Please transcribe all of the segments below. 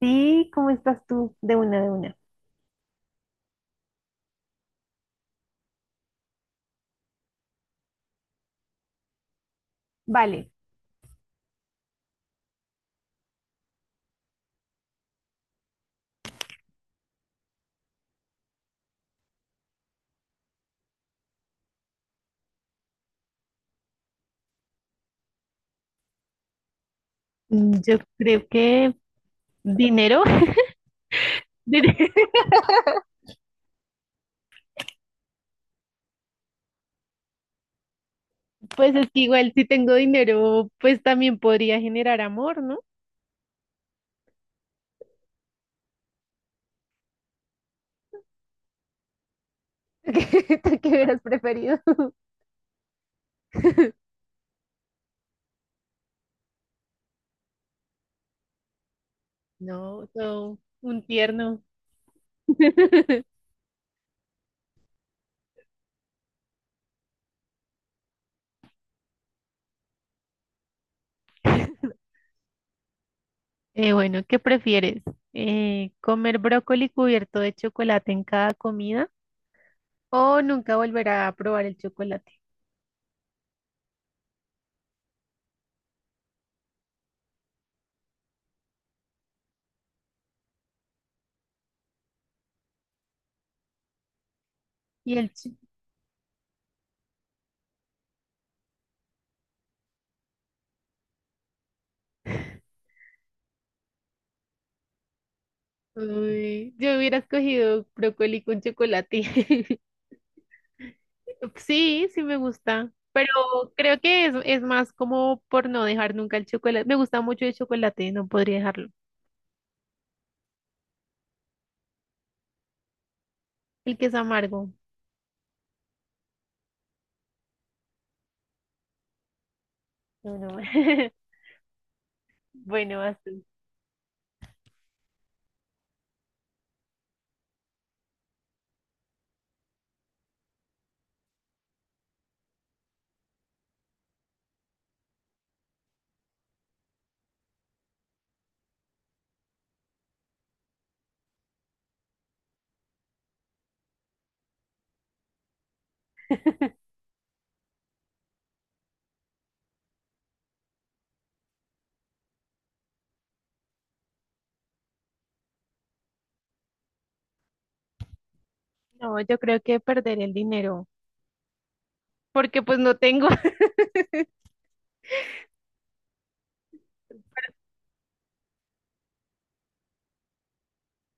Sí, ¿cómo estás tú? De una, de una. Vale. Yo creo que dinero. Dire- pues es que igual si tengo dinero, pues también podría generar amor, ¿no? ¿Qué hubieras preferido? No, no, un tierno. Bueno, ¿qué prefieres? ¿Comer brócoli cubierto de chocolate en cada comida o nunca volver a probar el chocolate? Y el chi- Uy, yo hubiera escogido brócoli con chocolate. Sí, sí me gusta, pero creo que es más como por no dejar nunca el chocolate. Me gusta mucho el chocolate, no podría dejarlo. El que es amargo. No, no. Bueno, así. No, yo creo que perder el dinero, porque pues no tengo.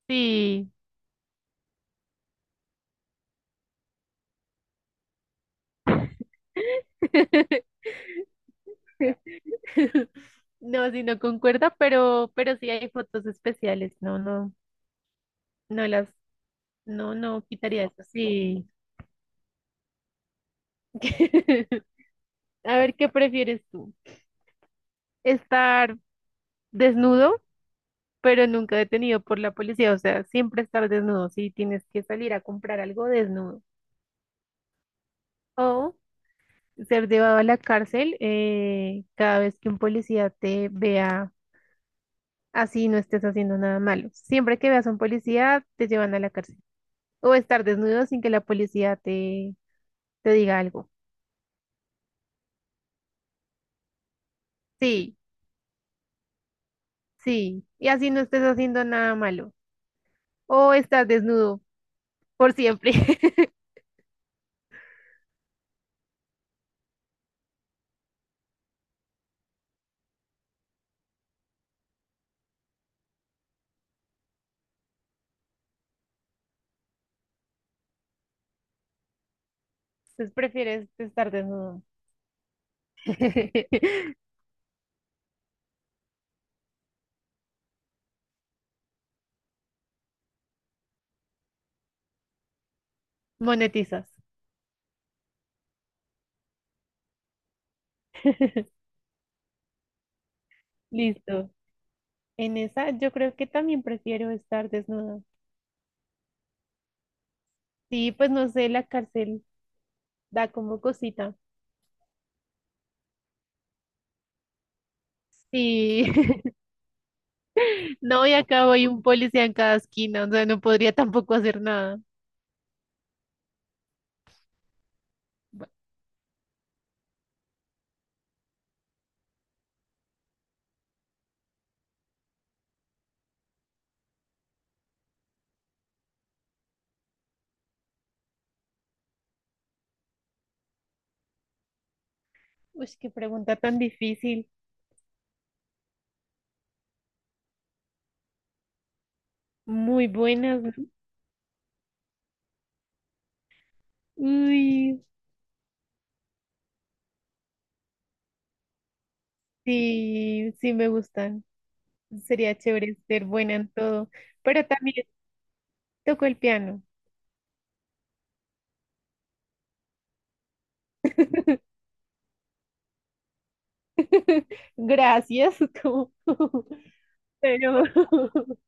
Sí. No, si no concuerda, pero sí hay fotos especiales. No, no, no las, no, no quitaría eso. Sí. A ver, ¿qué prefieres tú? ¿Estar desnudo, pero nunca detenido por la policía? O sea, siempre estar desnudo. Si tienes que salir a comprar algo desnudo, o ser llevado a la cárcel cada vez que un policía te vea, así no estés haciendo nada malo. Siempre que veas a un policía, te llevan a la cárcel. O estar desnudo sin que la policía te, te diga algo. Sí, sí. Y así no estés haciendo nada malo. O estar desnudo por siempre. Entonces prefieres estar desnudo. Monetizas. Listo. En esa yo creo que también prefiero estar desnuda. Sí, pues no sé, la cárcel da como cosita. Sí, no, y acá voy un policía en cada esquina, o sea, no podría tampoco hacer nada. Bu- Uy, qué pregunta tan difícil. Muy buenas, ¿no? Uy, sí, sí me gustan. Sería chévere ser buena en todo, pero también toco el piano. Gracias. Pero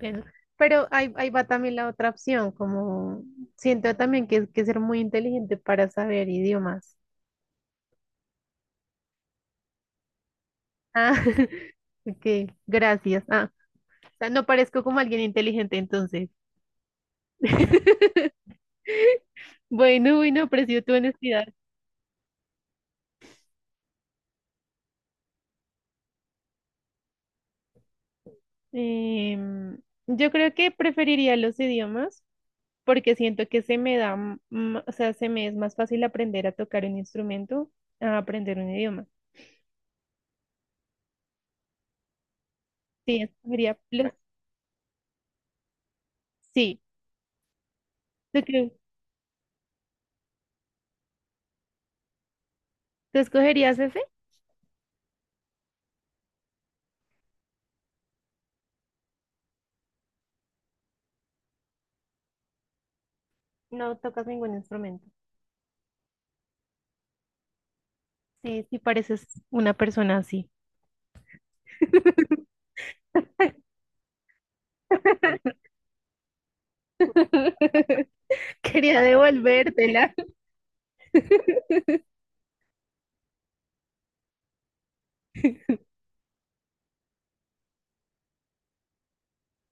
Pero, pero ahí va también la otra opción, como siento también que es que ser muy inteligente para saber idiomas. Ah, ok, gracias. Ah, o sea, no parezco como alguien inteligente entonces. Bueno, bueno, aprecio tu honestidad. Em, yo creo que preferiría los idiomas porque siento que se me da, m- m- o sea, se me es más fácil aprender a tocar un instrumento a aprender un idioma. Sí, escogería los, sí. ¿Tú qué- tú escogerías ese? No tocas ningún instrumento. Sí, sí pareces una persona así. Quería devolvértela.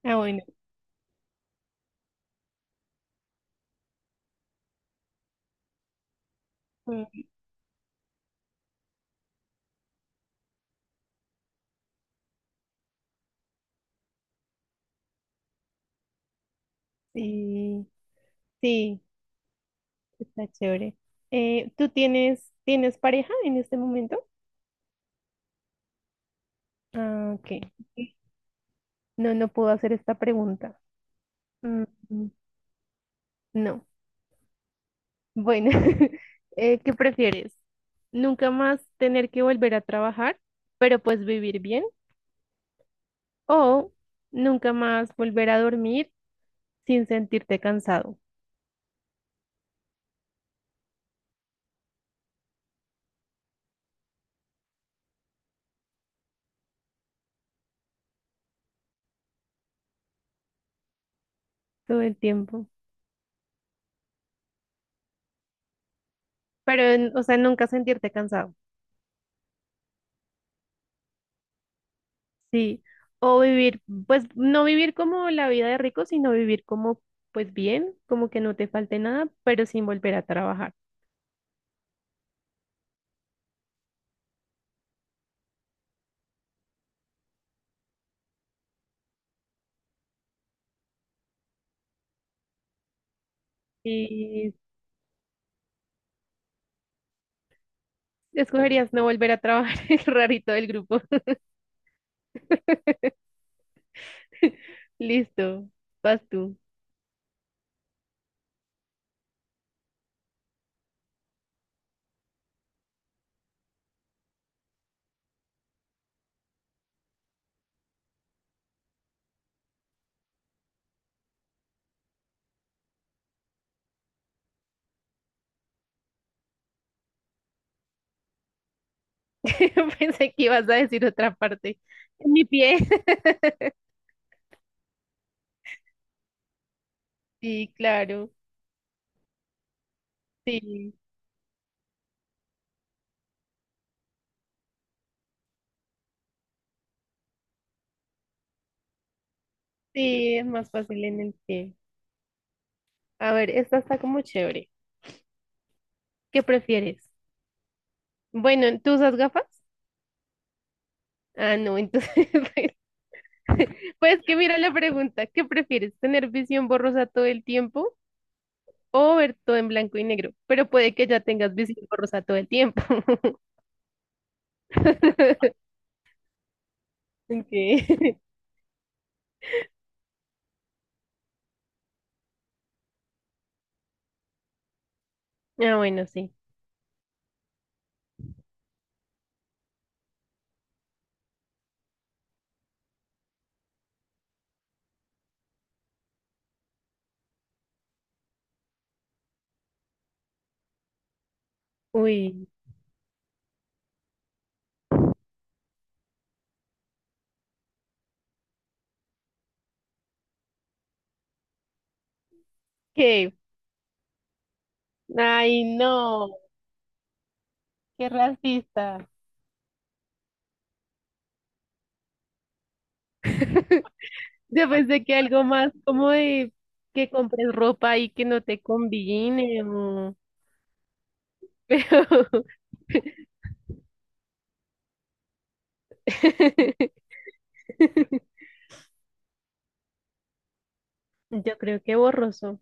Ah, bueno. Mm, Sí, sí, está chévere. Tienes pareja en este momento? Ah, ok. No, no puedo hacer esta pregunta. Mm, mm, No. Bueno, ¿qué prefieres? ¿Nunca más tener que volver a trabajar, pero pues vivir bien? O nunca más volver a dormir sin sentirte cansado todo el tiempo. Pero, o sea, nunca sentirte cansado. Sí. O vivir, pues no vivir como la vida de rico, sino vivir como, pues bien, como que no te falte nada, pero sin volver a trabajar. Y escogerías no volver a trabajar, el rarito del grupo. Listo, vas tú. Pensé que ibas a decir otra parte. En mi pie. Sí, claro. Sí, sí, es más fácil en el pie. A ver, esta está como chévere. ¿Qué prefieres? Bueno, ¿tú usas gafas? Ah, no, entonces, pues, pues que mira la pregunta, ¿qué prefieres? ¿Tener visión borrosa todo el tiempo o ver todo en blanco y negro? Pero puede que ya tengas visión borrosa todo el tiempo. Ok. Ah, bueno, sí. Uy, ¿qué? Ay, no, qué racista. Yo pensé que algo más como de que compres ropa y que no te combine, pero... Yo creo que borroso.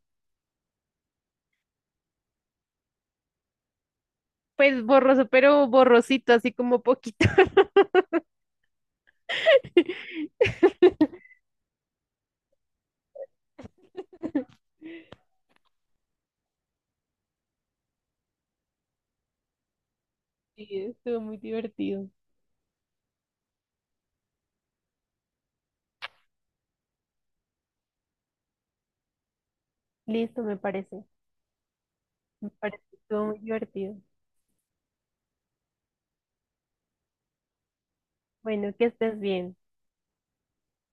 Pues borroso, pero borrosito, así como poquito. Sí, estuvo muy divertido. Listo, me parece. Me parece que estuvo muy divertido. Bueno, que estés bien.